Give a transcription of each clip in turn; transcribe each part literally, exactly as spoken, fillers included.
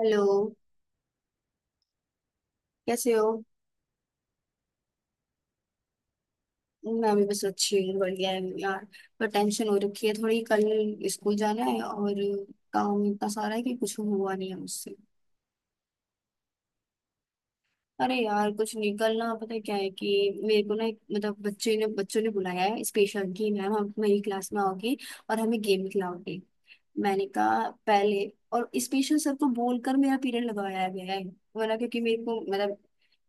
Hello. कैसे हो? मैं भी बस अच्छी हूँ, बढ़िया है यार। पर टेंशन हो रखी है थोड़ी। कल स्कूल जाना है और काम इतना सारा है कि कुछ हुआ नहीं है मुझसे। अरे यार कुछ नहीं, कल ना पता है क्या है कि मेरे को ना, एक मतलब बच्चे ने बच्चों ने बुलाया है, स्पेशल की मैम, हम मेरी क्लास में आओगी और हमें गेम खिलाओगी। मैंने कहा पहले। और स्पेशल सर को बोलकर मेरा पीरियड लगवाया गया है, वरना क्योंकि मेरे को मतलब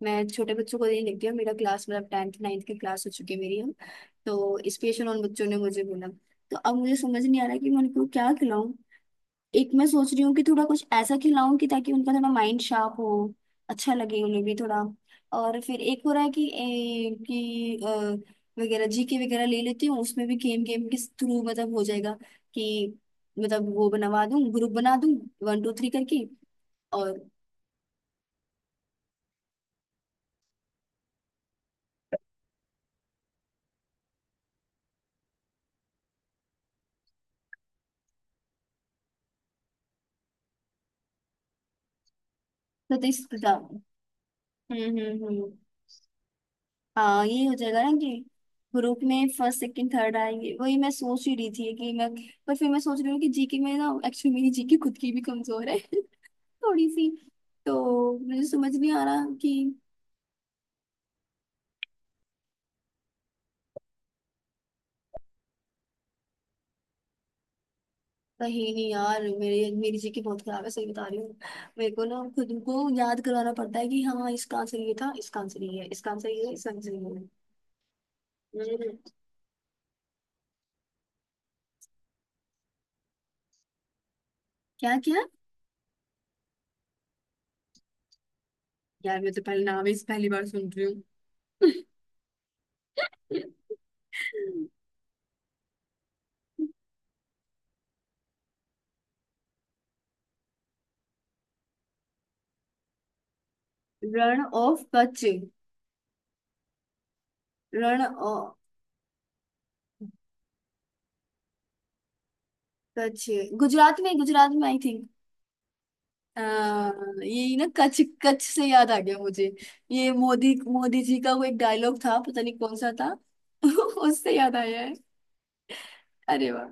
मैं छोटे बच्चों को नहीं लिखती हूँ, मेरा क्लास मतलब टेंथ नाइन्थ की क्लास हो चुकी है मेरी अब। तो स्पेशल उन बच्चों ने मुझे बोला। तो अब मुझे समझ नहीं आ रहा कि मैं उनको क्या खिलाऊं। एक मैं सोच रही हूँ कि थोड़ा कुछ ऐसा खिलाऊं कि ताकि उनका थोड़ा माइंड शार्प हो, अच्छा लगे उन्हें भी थोड़ा। और फिर एक हो रहा है कि ए, कि अ, वगैरह जीके वगैरह ले लेती हूँ, उसमें भी गेम गेम के थ्रू मतलब हो जाएगा कि, मतलब वो बनवा दूँ, ग्रुप बना दूँ, वन टू थ्री करके। और प्रतिस्पर्धा। हम्म हम्म हम्म, हाँ ये हो जाएगा ना कि ग्रुप में फर्स्ट सेकंड थर्ड आएंगे, वही मैं सोच ही रही थी कि मैं। पर फिर मैं सोच रही हूँ कि जीके में ना एक्चुअली मेरी जीके खुद की भी कमजोर है थोड़ी सी। तो मुझे समझ नहीं आ रहा कि, कहीं नहीं यार, मेरे मेरी जी की बहुत खराब है, सही बता रही हूँ। मेरे को ना खुद को याद करवाना पड़ता है कि हाँ इसका आंसर ये था, इसका आंसर ये है, इसका आंसर ये है, इसका आंसर ये है। हम्म। क्या क्या? यार मैं तो पहले नाम ही इस पहली बार सुन रही हूँ। रण of Kutch. Rann of Kutch Gujarat में, गुजरात में आई थी। हाँ यही ना, कच कच से याद आ गया मुझे, ये मोदी मोदी जी का वो एक डायलॉग था, पता नहीं कौन सा था। उससे याद आया है। अरे वाह।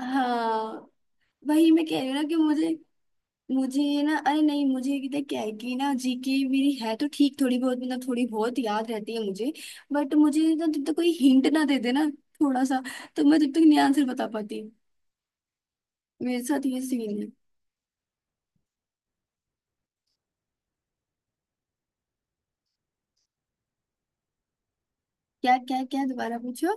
हाँ वही मैं कह रही हूँ ना कि मुझे, मुझे ये ना, अरे नहीं मुझे ये कितना क्या है कि ना, जीके मेरी है तो ठीक, थोड़ी बहुत मतलब थोड़ी बहुत याद रहती है मुझे। बट मुझे ना जब तक कोई हिंट ना दे दे ना, थोड़ा सा, तो मैं जब तक नहीं आंसर बता पाती। मेरे साथ ये सीन है। क्या क्या क्या दोबारा पूछो।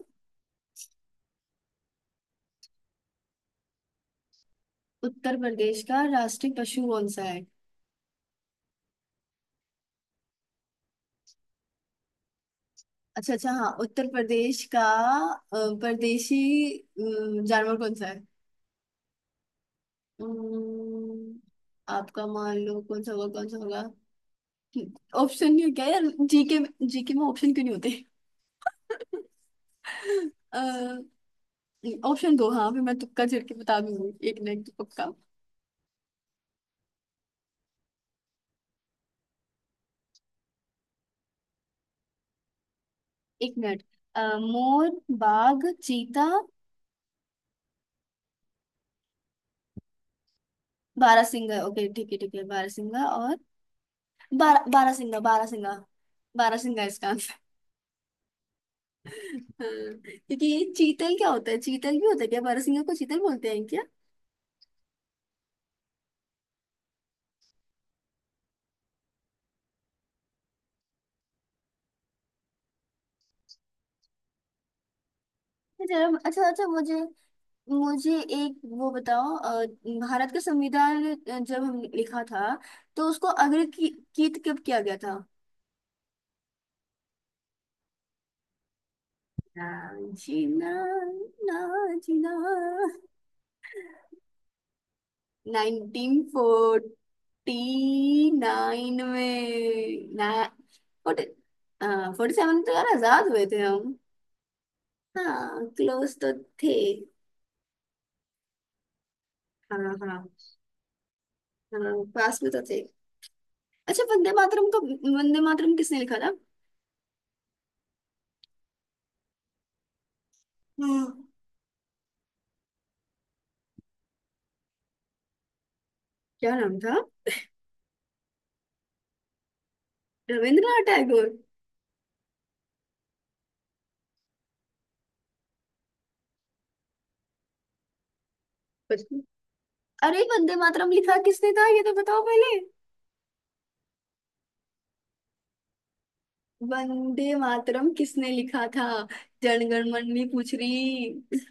उत्तर प्रदेश का राष्ट्रीय पशु कौन सा है? अच्छा अच्छा हाँ, उत्तर प्रदेश का अ, परदेशी अम, जानवर कौन सा है। अम्म, आपका मान लो कौन सा होगा, कौन सा होगा? ऑप्शन नहीं क्या यार? जीके में, जीके में ऑप्शन क्यों नहीं होते? ऑप्शन दो, हाँ फिर मैं तुक्का झड़ के बता दूंगी, एक ना एक तो पक्का। एक मिनट। अ, मोर, बाघ, चीता, बारहसिंगा। ओके ठीक है ठीक है, बारहसिंगा और बारह, बारहसिंगा बारहसिंगा, बारहसिंगा इसका, हाँ। क्योंकि ये चीतल क्या होता है? चीतल भी होता है क्या? बारहसिंगा को चीतल बोलते हैं क्या? जरा अच्छा अच्छा, मुझे, मुझे एक वो बताओ, अ, भारत का संविधान अ, जब हम लिखा था तो उसको अंग्रेजीकृत कब किया गया था? ना जीना, ना जीना, नाइनटीन फोर्टी नाइन में ना, फोर्टी, फोर्टी सेवन तो यार आजाद हुए थे हम। हाँ क्लोज तो थे। हाँ हाँ, हाँ पास में तो थे। अच्छा वंदे मातरम का, वंदे मातरम किसने लिखा था? हाँ, क्या नाम था? रविंद्रनाथ टैगोर। बचपन- अरे वंदे मातरम लिखा किसने था ये तो बताओ पहले। वंदे मातरम किसने लिखा था, जनगण मन में पूछ रही।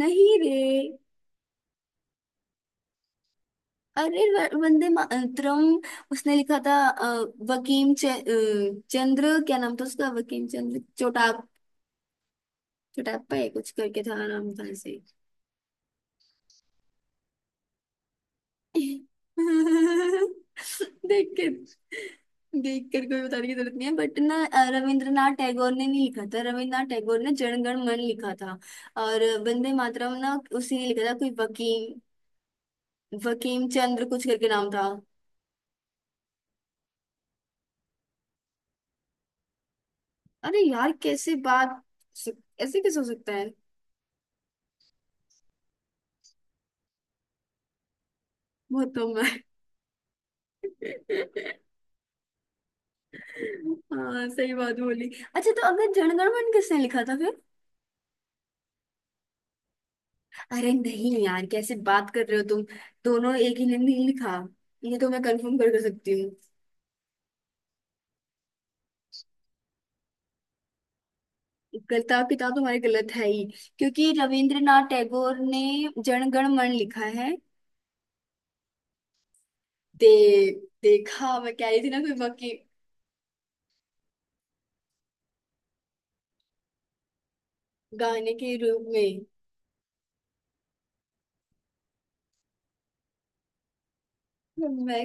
नहीं रे। अरे व- वंदे मातरम उसने लिखा था अ, वकीम च, अ, चंद्र, क्या नाम था उसका? वकीम चंद्र चोटाप, चोटाप्पा है कुछ करके था, नाम था ऐसे। देख के? देख कर कोई बताने की जरूरत नहीं है, बट ना अ, रविंद्रनाथ टैगोर ने नहीं लिखा था, रविंद्रनाथ टैगोर ने जनगण मन लिखा था, और वंदे मातरम ना उसी ने लिखा था, कोई वकीम, वकीम चंद्र कुछ करके नाम था। अरे यार कैसे बात, सक- ऐसे कैसे हो सकता है? बहुत कम है। हाँ सही बात बोली। अच्छा तो अगर जनगण मन किसने लिखा था फिर? अरे नहीं यार कैसे बात कर रहे हो तुम, दोनों एक ही ने नहीं लिखा, ये तो मैं कंफर्म कर कर सकती हूँ। गलता किताब तुम्हारी गलत है ही, क्योंकि रविंद्रनाथ टैगोर ने जनगण मन लिखा है। दे देखा, मैं कह रही थी ना कोई बाकी। गाने के रूप में। मैं।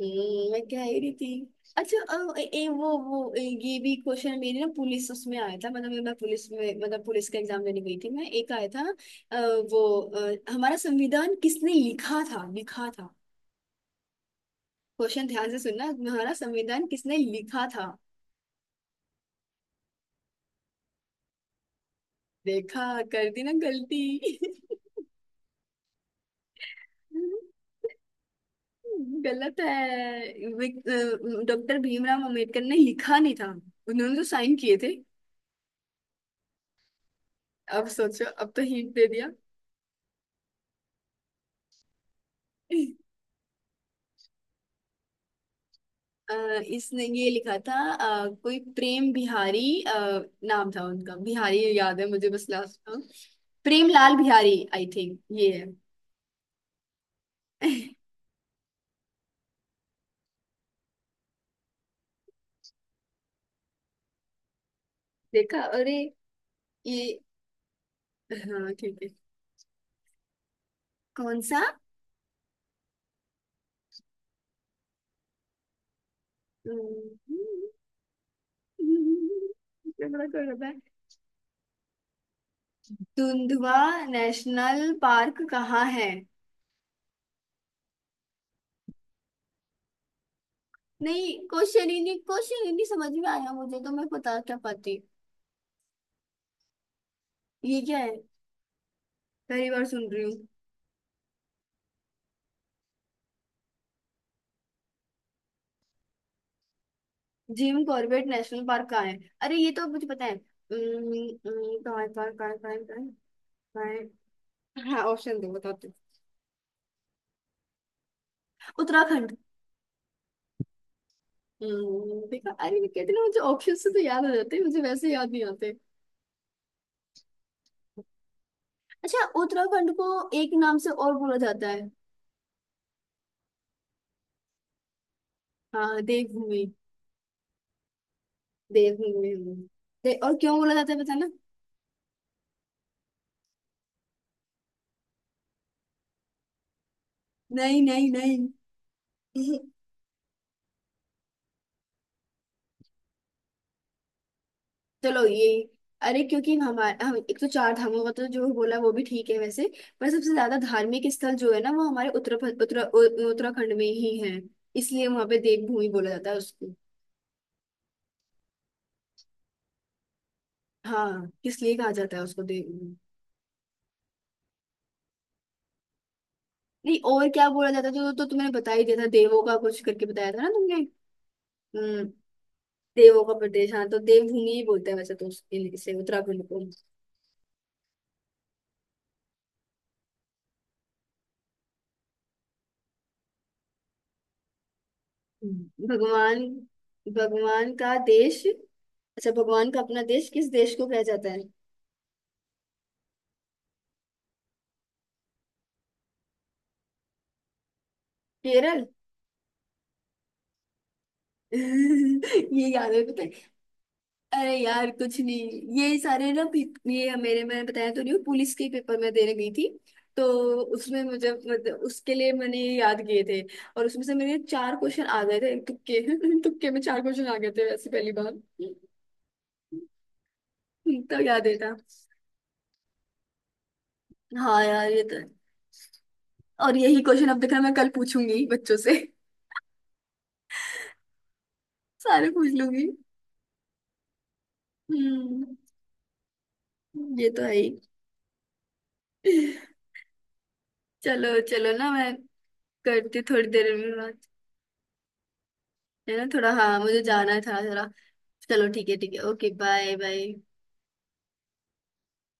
हम्म, मैं क्या ही रही थी। अच्छा अ, ए, ए, वो वो ए, ये भी क्वेश्चन मेरी ना पुलिस उसमें आया था, मतलब मैं पुलिस में, मतलब पुलिस का एग्जाम देने गई थी मैं, एक आया था। अ, वो अ, हमारा संविधान किसने लिखा था, लिखा था। क्वेश्चन ध्यान से सुनना। हमारा संविधान किसने लिखा था? देखा, कर दी ना गलती। गलत है। डॉक्टर भीमराव अंबेडकर ने लिखा नहीं था, उन्होंने तो साइन किए थे। अब सोचो, अब तो हिंट दे दिया। अ, इसने ये लिखा था, अ, कोई प्रेम बिहारी, अ, नाम था उनका बिहारी, याद है मुझे बस लास्ट नाम। प्रेम लाल बिहारी आई थिंक ये है। देखा। अरे ये, हाँ ठीक है। कौन सा? ये बड़ा कड़वा है। दुंधवा नेशनल पार्क कहाँ है? नहीं क्वेश्चन ही नहीं, क्वेश्चन ही नहीं समझ में आया मुझे तो, मैं बता क्या पाती? ये क्या है? पहली बार सुन रही हूँ। जिम कॉर्बेट नेशनल पार्क कहाँ है? अरे ये तो मुझे पता है। उम्म, उम्म, कहाँ है, कहाँ है, कहाँ है, कहाँ है, कहाँ है, कहाँ है? हाँ ऑप्शन दो बताते हैं। उत्तराखंड। उम्म, देखा, अरे मैं कहती ना मुझे ऑप्शन से तो याद आ जाते हैं, मुझे वैसे याद नहीं आते। अच्छा उत्तराखंड को एक नाम से और बोला जाता है। हाँ देवभूमि, देवभूमि। हम्म। दे, और क्यों बोला जाता है पता ना? नहीं नहीं नहीं। चलो ये। अरे क्योंकि हमारे, हम एक तो चार धामों का तो जो बोला वो भी ठीक है वैसे, पर सबसे ज्यादा धार्मिक स्थल जो है ना वो हमारे उत्तर उत्तर उ- उत्तराखंड में ही है, इसलिए वहां पे देवभूमि बोला जाता है उसको। हाँ इसलिए कहा जाता है उसको देवभूमि। नहीं और क्या बोला जाता है जो, तो तुमने बता ही दिया था, देवों का कुछ करके बताया था ना तुमने। हम्म, देवों का प्रदेश, हाँ तो देवभूमि ही बोलते हैं वैसे तो उस- इन- इसे उत्तराखंड को। हम्म, भगवान, भगवान का देश? अच्छा भगवान का अपना देश किस देश को कहा जाता है? केरल। ये याद है, पता है। अरे यार कुछ नहीं, ये सारे ना पी- ये मेरे, मैंने बताया तो नहीं हूँ, पुलिस के पेपर में देने गई थी, तो उसमें मुझे मतलब उसके लिए मैंने ये याद किए थे, और उसमें से मेरे चार क्वेश्चन आ गए थे तुक्के। तुक्के में चार क्वेश्चन आ गए थे वैसे पहली बार। तो याद है था। हाँ यार ये तो है। और यही क्वेश्चन अब देखना मैं कल पूछूंगी बच्चों से। सारे पूछ लूंगी। हम्म, ये तो है ही। चलो चलो ना, मैं करती हूँ थोड़ी देर में बात। है ना थोड़ा, हाँ मुझे जाना है थोड़ा थोड़ा। चलो ठीक है ठीक है, ओके बाय बाय।